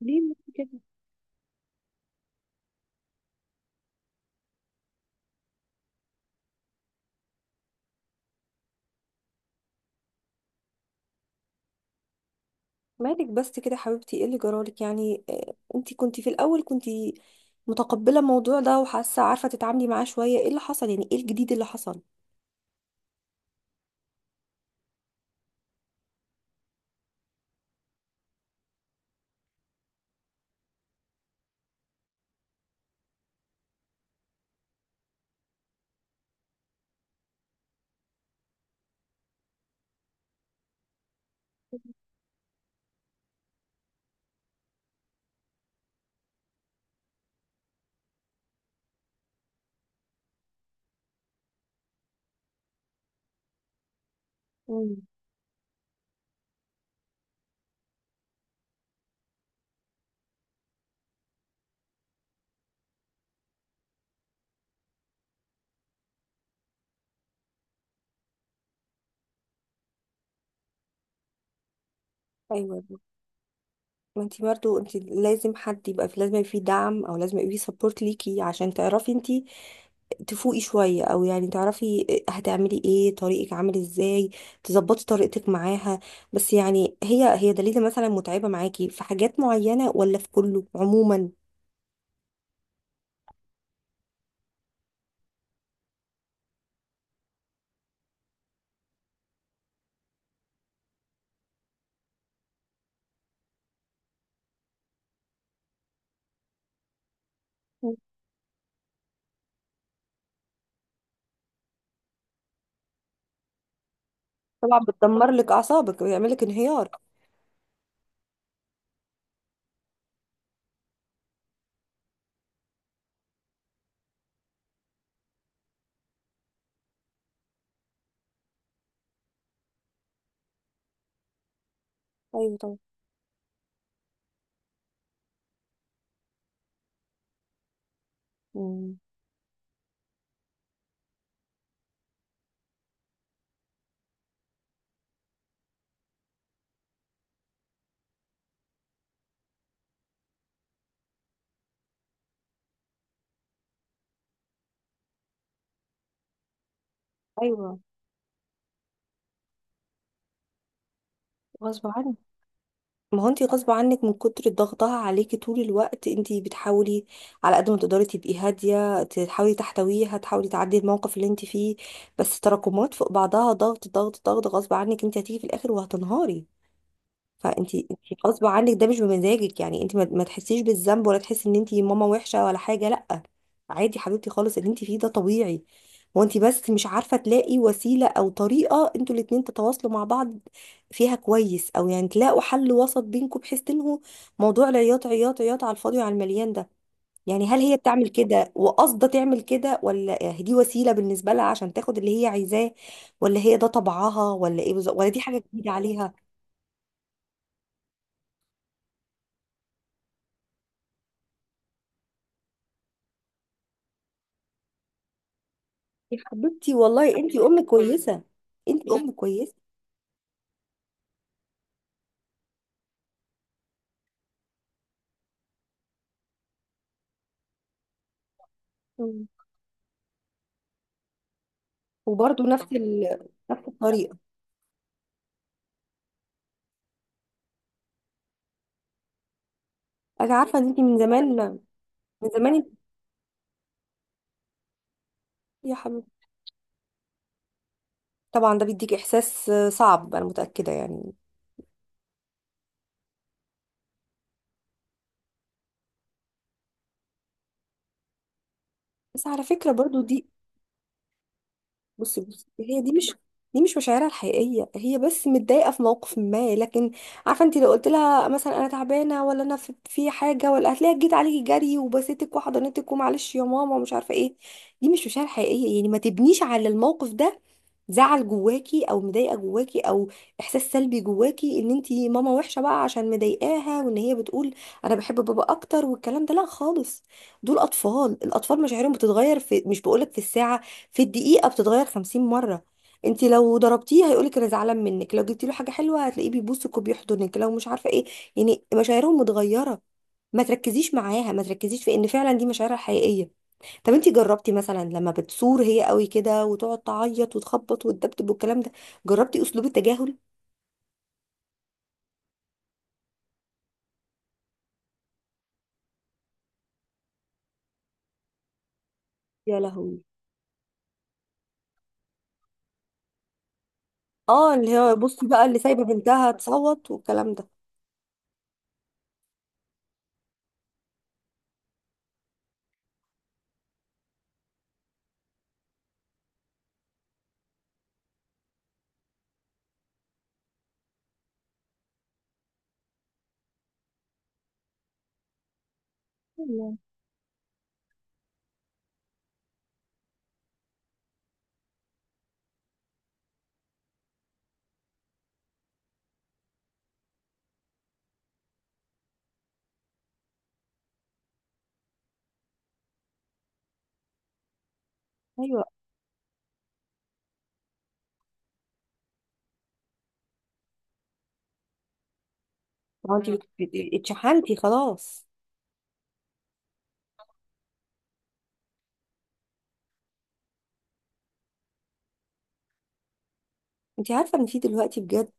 ليه بس كده؟ مالك بس كده يا حبيبتي، ايه اللي جرالك؟ يعني انتي كنتي في الاول كنتي متقبله الموضوع ده، وحاسه عارفه تتعاملي معاه شويه. ايه اللي حصل؟ يعني ايه الجديد اللي حصل؟ مم. ايوه. ما انتي برضه انتي لازم حد يبقى في، لازم يبقى فيه دعم او لازم يبقى فيه سبورت ليكي عشان تعرفي انتي تفوقي شويه، او يعني تعرفي هتعملي ايه، طريقك عامل ازاي، تظبطي طريقتك معاها. بس يعني هي دليلة مثلا متعبه معاكي في حاجات معينه، ولا في كله عموما؟ طبعا بتدمر لك اعصابك ويعمل لك انهيار. ايوه طبعا. مم. ايوه، غصب عنك. ما هو انت غصب عنك من كتر ضغطها عليكي طول الوقت، انت بتحاولي على قد ما تقدري تبقي هاديه، تحاولي تحتويها، تحاولي تعدي الموقف اللي انت فيه، بس تراكمات فوق بعضها، ضغط ضغط ضغط، غصب عنك انت هتيجي في الاخر وهتنهاري. فانت غصب عنك ده مش بمزاجك، يعني انت ما تحسيش بالذنب ولا تحسي ان انت ماما وحشه ولا حاجه، لا. عادي حبيبتي خالص، اللي انت فيه ده طبيعي. هو انت بس مش عارفه تلاقي وسيله او طريقه انتوا الاتنين تتواصلوا مع بعض فيها كويس، او يعني تلاقوا حل وسط بينكم بحيث تنهوا موضوع العياط، عياط عياط على الفاضي وعلى المليان ده. يعني هل هي بتعمل كده وقصده تعمل كده، ولا دي وسيله بالنسبه لها عشان تاخد اللي هي عايزاه، ولا هي ده طبعها، ولا ايه بالظبط، ولا دي حاجه جديده عليها؟ يا حبيبتي، والله انت ام كويسه. انت ام كويسه. مم. وبرضه نفس نفس الطريقه. انا عارفه ان انت من زمان، من زمان انت يا حبيبتي. طبعا ده بيديك احساس صعب، انا متاكده يعني. بس على فكره برضه دي، بصي هي دي مش، دي مش مشاعرها الحقيقيه. هي بس متضايقه في موقف ما، لكن عارفه انت لو قلت لها مثلا انا تعبانه، ولا انا في حاجه، ولا هتلاقيها جيت عليكي جري وبسيتك وحضنتك ومعلش يا ماما ومش عارفه ايه. دي مش مشاعر حقيقيه، يعني ما تبنيش على الموقف ده زعل جواكي او مضايقه جواكي او احساس سلبي جواكي ان انت ماما وحشه بقى عشان مضايقاها، وان هي بتقول انا بحب بابا اكتر والكلام ده، لا خالص. دول اطفال، الاطفال مشاعرهم بتتغير في، مش بقولك في الساعه، في الدقيقة بتتغير 50 مرة. انت لو ضربتيه هيقولك انا زعلان منك، لو جبتي له حاجة حلوة هتلاقيه بيبوسك وبيحضنك، لو مش عارفة ايه. يعني مشاعرهم متغيرة. ما تركزيش معاها، ما تركزيش في ان فعلا دي مشاعرها الحقيقية. طب انت جربتي مثلا لما بتصور هي قوي كده وتقعد تعيط وتخبط وتدبدب والكلام ده، جربتي اسلوب التجاهل؟ يا لهوي! اه، اللي هو بصي بقى، اللي سايبة بنتها تصوت والكلام ده. الله. ايوه. ما هو انت اتشحنتي خلاص. انت عارفة ان في دلوقتي بجد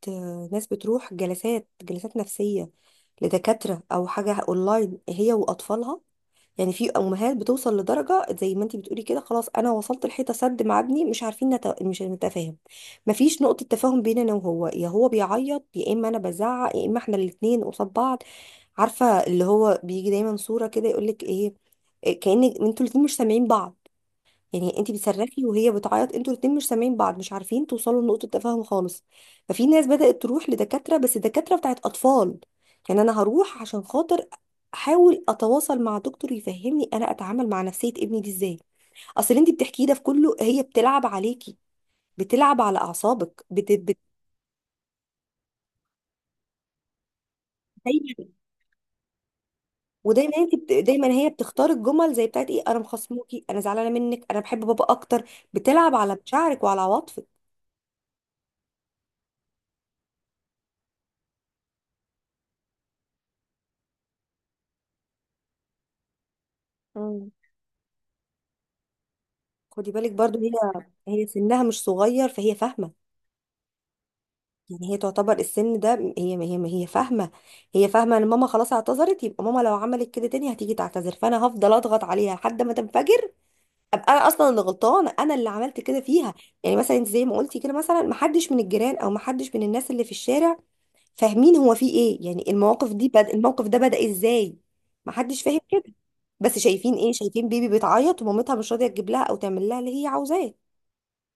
ناس بتروح جلسات جلسات نفسية لدكاترة او حاجة اونلاين هي واطفالها. يعني في امهات بتوصل لدرجة زي ما انت بتقولي كده، خلاص انا وصلت الحيطة سد مع ابني، مش عارفين مش نتفاهم. مفيش نقطة تفاهم بين انا وهو، يا هو بيعيط، يا اما انا بزعق، يا اما احنا الاتنين قصاد بعض. عارفة اللي هو بيجي دايما صورة كده يقولك ايه، إيه، كأن انتوا الاتنين مش سامعين بعض. يعني انت بتصرخي وهي بتعيط، انتوا الاتنين مش سامعين بعض، مش عارفين توصلوا لنقطة تفاهم خالص. ففي ناس بدأت تروح لدكاترة، بس دكاترة بتاعت أطفال. يعني أنا هروح عشان خاطر احاول اتواصل مع دكتور يفهمني انا اتعامل مع نفسية ابني دي ازاي. اصل اللي انت بتحكيه ده في كله هي بتلعب عليكي، بتلعب على اعصابك دايما. ودايما انت دايما هي بتختار الجمل زي بتاعت ايه، انا مخصموكي، انا زعلانه منك، انا بحب بابا اكتر. بتلعب على مشاعرك وعلى عواطفك. خدي بالك برضو هي، هي سنها مش صغير فهي فاهمة. يعني هي تعتبر السن ده، هي فاهمة. هي فاهمة ان ماما خلاص اعتذرت، يبقى ماما لو عملت كده تاني هتيجي تعتذر، فانا هفضل اضغط عليها لحد ما تنفجر، ابقى انا اصلا اللي غلطانة، انا اللي عملت كده فيها. يعني مثلا انت زي ما قلتي كده، مثلا محدش من الجيران او محدش من الناس اللي في الشارع فاهمين هو في ايه، يعني المواقف دي الموقف ده بدأ ازاي. محدش فاهم كده. بس شايفين ايه، شايفين بيبي بتعيط ومامتها مش راضية تجيب لها او تعمل لها اللي هي عاوزاه.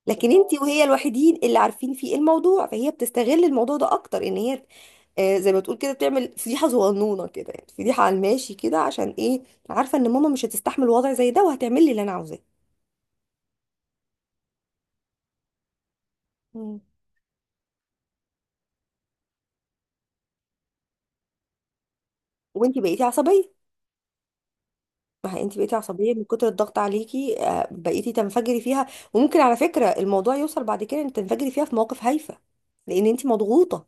لكن انت وهي الوحيدين اللي عارفين فيه الموضوع، فهي بتستغل الموضوع ده اكتر ان هي زي ما تقول كده بتعمل فضيحه صغنونه كده، يعني فضيحه على الماشي كده، عشان ايه؟ عارفه ان ماما مش هتستحمل وضع زي ده وهتعمل لي اللي انا عاوزاه. مم. وانت بقيتي عصبيه. ما هي انت بقيتي عصبيه من كتر الضغط عليكي، بقيتي تنفجري فيها. وممكن على فكره الموضوع يوصل بعد كده ان تنفجري فيها في مواقف هايفه لان انت مضغوطه.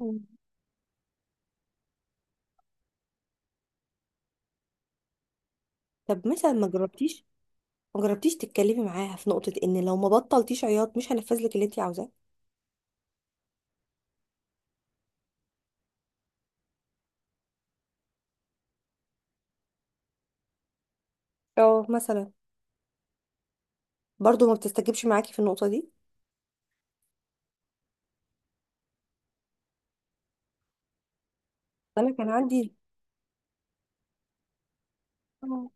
مم. طب مثلا ما جربتيش تتكلمي معاها في نقطه ان لو ما بطلتيش عياط مش هنفذ لك اللي انت عاوزاه. اه، مثلا برضو ما بتستجبش معاكي في النقطة دي. انا كان عندي آه.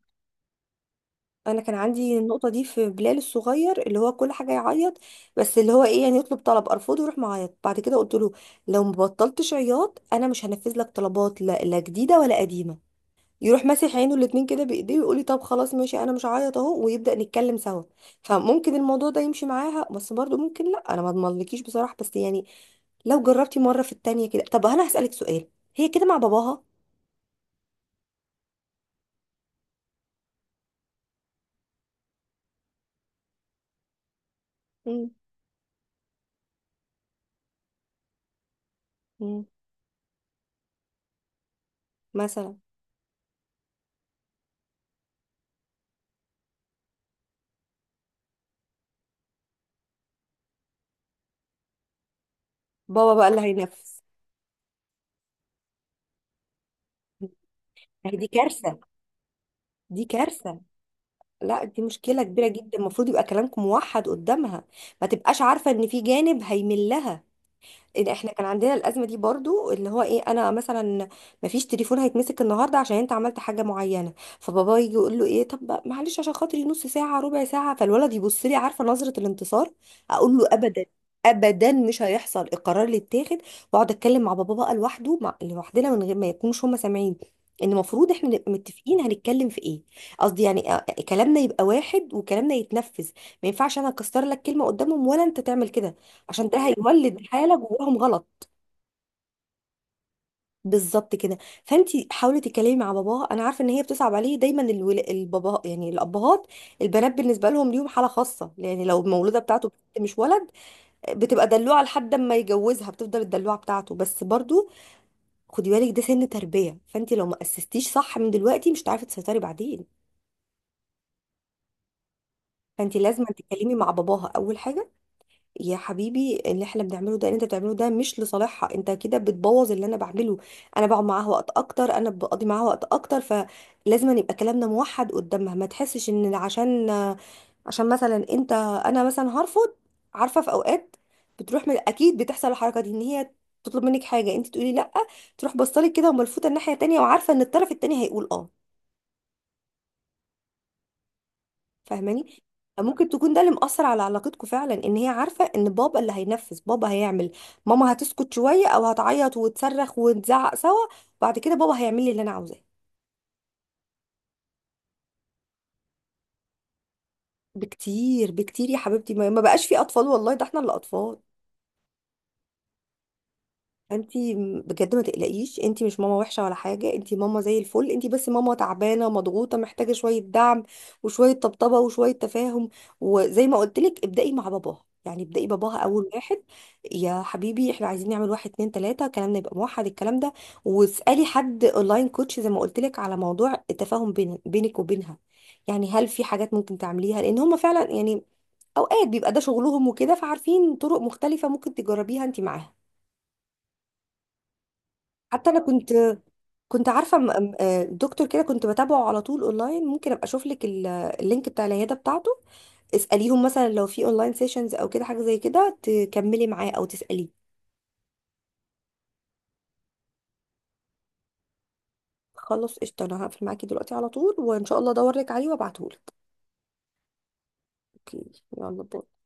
انا كان عندي النقطة دي في بلال الصغير، اللي هو كل حاجة يعيط. بس اللي هو ايه، يعني يطلب طلب ارفضه يروح معيط، بعد كده قلت له لو ما بطلتش عياط انا مش هنفذ لك طلبات، لا لا جديدة ولا قديمة. يروح ماسح عينه الاتنين كده بايديه ويقول لي طب خلاص ماشي، انا مش هعيط اهو، ويبدأ نتكلم سوا. فممكن الموضوع ده يمشي معاها، بس برضو ممكن لا، انا ما اضمنلكيش بصراحة، بس يعني لو جربتي مرة في التانية كده. طب انا هسألك سؤال، هي كده مع باباها؟ مم. مثلا، بابا بقى اللي هينفذ. هي دي كارثة، دي كارثة. لا، دي مشكلة كبيرة جدا، المفروض يبقى كلامكم موحد قدامها، ما تبقاش عارفة ان في جانب هيملها. إيه، احنا كان عندنا الازمه دي برضو اللي هو ايه، انا مثلا مفيش تليفون هيتمسك النهارده عشان انت عملت حاجه معينه، فبابا يجي يقول له ايه، طب بقى معلش عشان خاطري نص ساعه ربع ساعه، فالولد يبص لي عارفه نظره الانتصار. اقول له ابدا، ابدا مش هيحصل القرار اللي اتاخد. واقعد اتكلم مع بابا بقى لوحده، مع لوحدنا من غير ما يكونوش هم سامعين، ان المفروض احنا نبقى متفقين هنتكلم في ايه. قصدي يعني كلامنا يبقى واحد وكلامنا يتنفذ، ما ينفعش انا اكسر لك كلمه قدامهم ولا انت تعمل كده، عشان ده هيولد حاله جواهم غلط. بالظبط كده. فانت حاولي تتكلمي مع باباها، انا عارفه ان هي بتصعب عليه دايما البابا، يعني الابهات، البنات بالنسبه لهم ليهم حاله خاصه، يعني لو المولوده بتاعته بنت مش ولد بتبقى دلوعه لحد ما يجوزها، بتفضل الدلوعه بتاعته، بس برضو خدي بالك ده سن تربيه، فانت لو ما اسستيش صح من دلوقتي مش هتعرفي تسيطري بعدين. فانت لازم تتكلمي مع باباها اول حاجه. يا حبيبي اللي احنا بنعمله ده اللي انت بتعمله ده مش لصالحها، انت كده بتبوظ اللي انا بعمله، انا بقعد معاها وقت اكتر، انا بقضي معاها وقت اكتر، فلازم أن يبقى كلامنا موحد قدامها، ما تحسش ان عشان مثلا انت، انا مثلا هرفض. عارفه في اوقات بتروح من اكيد بتحصل الحركه دي ان هي تطلب منك حاجه انت تقولي لا، تروح بصلك كده وملفوته الناحيه التانيه وعارفه ان الطرف التاني هيقول اه. فاهماني؟ ممكن تكون ده اللي مأثر على علاقتكم فعلا، ان هي عارفة ان بابا اللي هينفذ، بابا هيعمل، ماما هتسكت شوية او هتعيط وتصرخ ونزعق سوا، بعد كده بابا هيعمل لي اللي انا عاوزاه. بكتير بكتير يا حبيبتي، ما بقاش في اطفال والله، ده احنا اللي اطفال. انتي بجد ما تقلقيش، انتي مش ماما وحشه ولا حاجه، انتي ماما زي الفل، انتي بس ماما تعبانه مضغوطه محتاجه شويه دعم وشويه طبطبه وشويه تفاهم. وزي ما قلت لك ابدأي مع باباها، يعني ابدأي باباها اول واحد. يا حبيبي احنا عايزين نعمل واحد اتنين تلاته، كلامنا يبقى موحد الكلام ده. واسألي حد اونلاين كوتش زي ما قلت لك على موضوع التفاهم بينك وبينها. يعني هل في حاجات ممكن تعمليها، لان هما فعلا يعني اوقات بيبقى ده شغلهم وكده، فعارفين طرق مختلفه ممكن تجربيها انتي معاها. حتى انا كنت، كنت عارفه دكتور كده كنت بتابعه على طول اونلاين، ممكن ابقى اشوف لك اللينك بتاع العياده بتاعته. اساليهم مثلا لو في اونلاين سيشنز او كده حاجه زي كده تكملي معاه او تساليه. خلاص قشطه، انا هقفل معاكي دلوقتي على طول، وان شاء الله ادور لك عليه وابعته لك. اوكي، يلا باي.